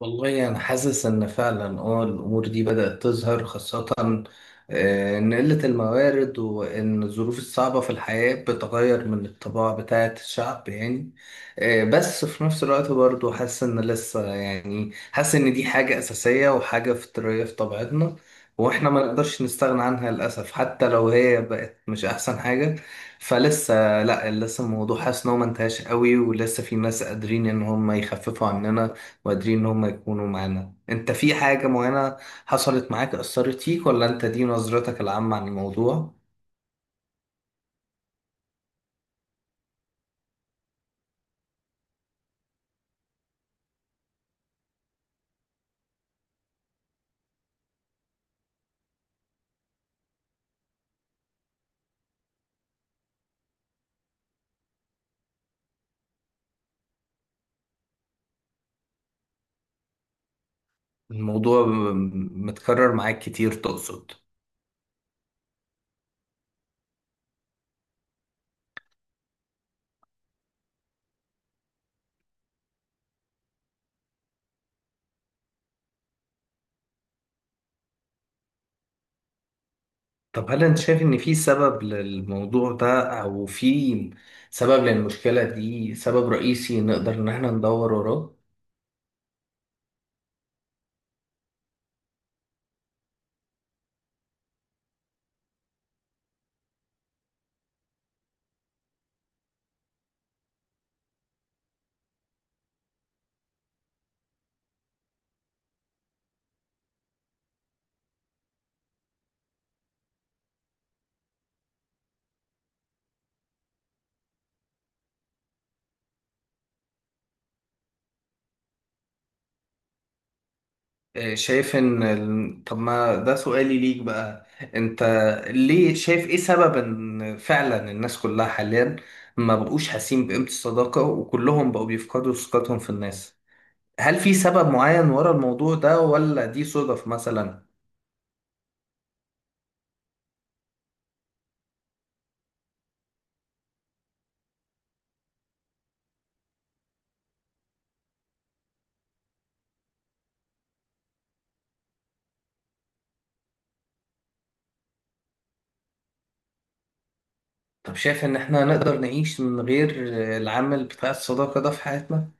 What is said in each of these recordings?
والله أنا حاسس إن فعلا الأمور دي بدأت تظهر خاصة، آه، إن قلة الموارد وإن الظروف الصعبة في الحياة بتغير من الطباع بتاعة الشعب. بس في نفس الوقت برضه حاسس إن لسه، حاسس إن دي حاجة أساسية وحاجة فطرية في طبيعتنا، وإحنا ما نقدرش نستغنى عنها للأسف حتى لو هي بقت مش أحسن حاجة. فلسه لأ لسه الموضوع حاسس إن هو منتهاش قوي، ولسه في ناس قادرين إن هم يخففوا عننا وقادرين ان هم يكونوا معانا. انت في حاجة معينة حصلت معاك اثرت فيك، ولا انت دي نظرتك العامة عن الموضوع؟ الموضوع متكرر معاك كتير تقصد؟ طب هل انت شايف ان في سبب للموضوع ده، او في سبب للمشكلة دي، سبب رئيسي نقدر ان احنا ندور وراه؟ طب ما ده سؤالي ليك بقى. انت ليه شايف ايه سبب ان فعلا الناس كلها حاليا ما بقوش حاسين بقيمة الصداقة، وكلهم بقوا بيفقدوا ثقتهم في الناس؟ هل في سبب معين ورا الموضوع ده، ولا دي صدف مثلا؟ طب شايف ان احنا نقدر نعيش من غير العامل بتاع الصداقة ده في حياتنا؟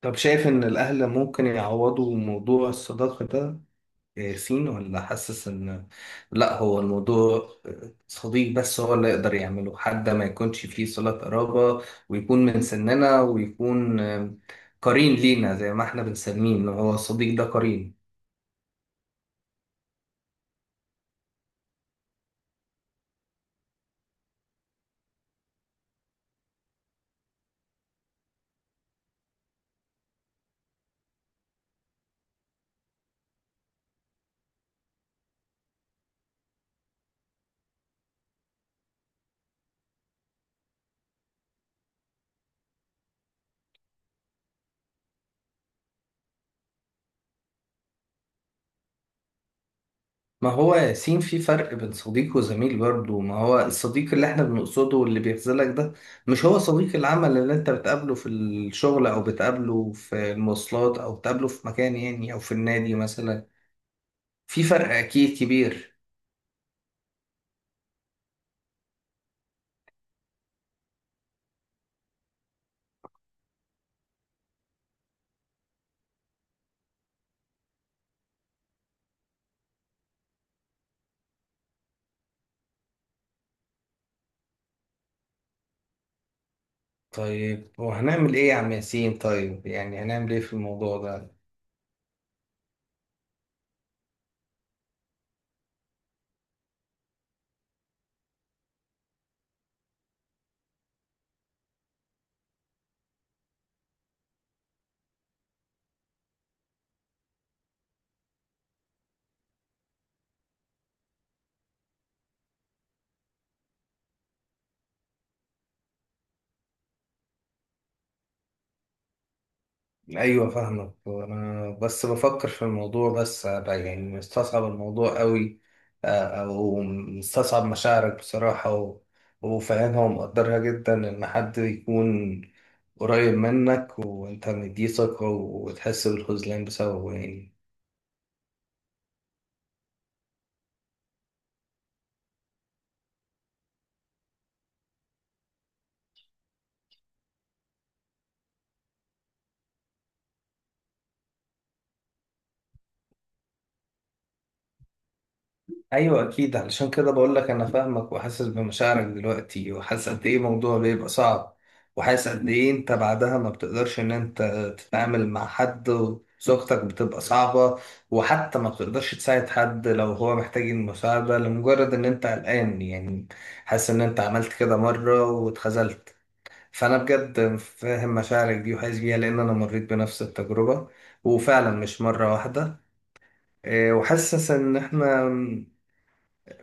طب شايف ان الاهل ممكن يعوضوا موضوع الصداقة ده ياسين، ولا حاسس ان لا، هو الموضوع صديق بس هو اللي يقدر يعمله، حد ما يكونش فيه صلة قرابة ويكون من سننا، ويكون قرين لينا زي ما احنا بنسميه ان هو الصديق ده قرين؟ ما هو ياسين في فرق بين صديق وزميل برضه. ما هو الصديق اللي احنا بنقصده واللي بيخذلك ده مش هو صديق العمل اللي انت بتقابله في الشغل، او بتقابله في المواصلات، او بتقابله في مكان او في النادي مثلا. في فرق اكيد كبير. طيب وهنعمل ايه يا عم ياسين؟ طيب هنعمل ايه في الموضوع ده؟ ايوه فاهمك. انا بس بفكر في الموضوع، بس أبقى مستصعب الموضوع قوي، آه، او مستصعب مشاعرك بصراحة، وفاهمها ومقدرها جدا، ان حد يكون قريب منك وانت مديه ثقة وتحس بالخذلان بسببه يعني. ايوه اكيد، علشان كده بقول لك انا فاهمك وحاسس بمشاعرك دلوقتي، وحاسس قد ايه الموضوع بيبقى صعب، وحاسس قد ايه انت بعدها ما بتقدرش ان انت تتعامل مع حد، وزوجتك بتبقى صعبة، وحتى ما بتقدرش تساعد حد لو هو محتاج المساعدة، لمجرد ان انت قلقان، يعني حاسس ان انت عملت كده مرة واتخذلت. فانا بجد فاهم مشاعرك دي وحاسس بيها، لان انا مريت بنفس التجربة، وفعلا مش مرة واحدة. إيه، وحاسس ان احنا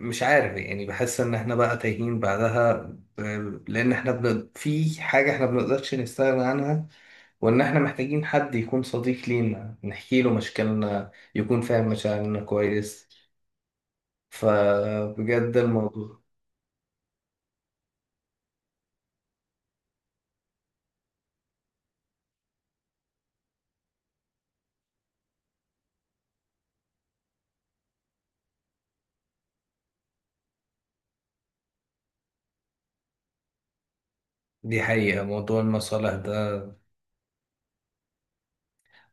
مش عارف، بحس ان احنا بقى تايهين بعدها، آه، لان احنا في حاجة احنا بنقدرش نستغنى عنها، وان احنا محتاجين حد يكون صديق لينا نحكي له مشاكلنا، يكون فاهم مشاعرنا كويس. فبجد الموضوع. دي حقيقة، موضوع المصالح ده.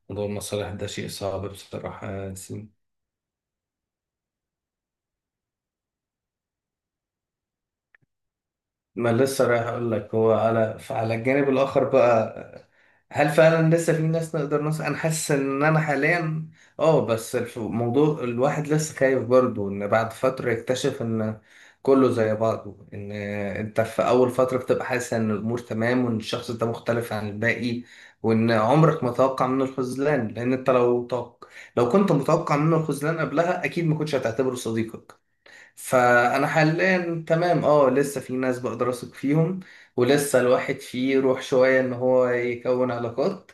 موضوع المصالح ده شيء صعب بصراحة. ما لسه رايح اقول لك، هو على فعلى الجانب الاخر بقى، هل فعلا لسه في ناس نقدر نوصل. انا حاسس ان انا حاليا اه بس الموضوع الواحد لسه خايف برضه ان بعد فترة يكتشف ان كله زي بعضه، ان انت في اول فترة بتبقى حاسس ان الامور تمام وان الشخص ده مختلف عن الباقي، وان عمرك ما توقع منه الخذلان، لان انت لو كنت متوقع منه الخذلان قبلها اكيد ما كنتش هتعتبره صديقك. فانا حاليا تمام، اه لسه في ناس بقدر اثق فيهم، ولسه الواحد فيه روح شوية ان هو يكون علاقات،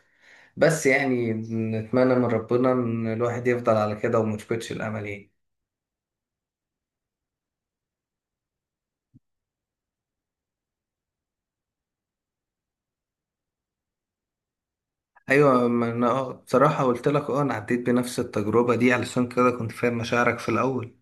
بس نتمنى من ربنا ان الواحد يفضل على كده وما يفقدش الامل يعني. ايوه، ما انا آه، بصراحة قلت لك اه انا عديت بنفس التجربة دي، علشان كده كنت فاهم مشاعرك في الاول.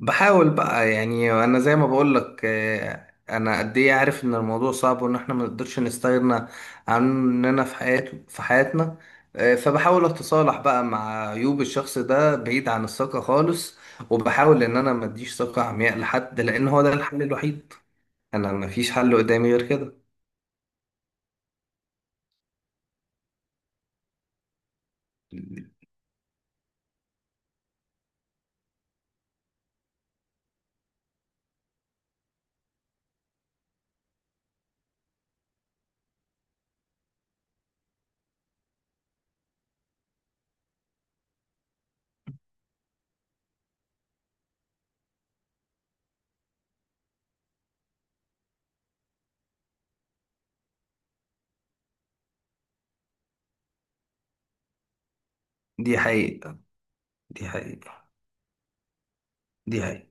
بحاول بقى، انا زي ما بقول لك، آه، انا قد ايه عارف ان الموضوع صعب وان احنا ما نقدرش نستغنى عننا في في حياتنا، آه، فبحاول اتصالح بقى مع عيوب الشخص ده بعيد عن الثقة خالص، وبحاول ان انا ما اديش ثقة عمياء لحد، لان هو ده الحل الوحيد. انا ما فيش حل قدامي غير كده. دي حقيقة. دي حقيقة. دي حقيقة.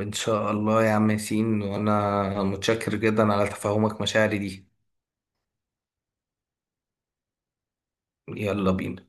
ان شاء الله يا عم ياسين، وانا متشكر جدا على تفهمك مشاعري دي. يلا بينا.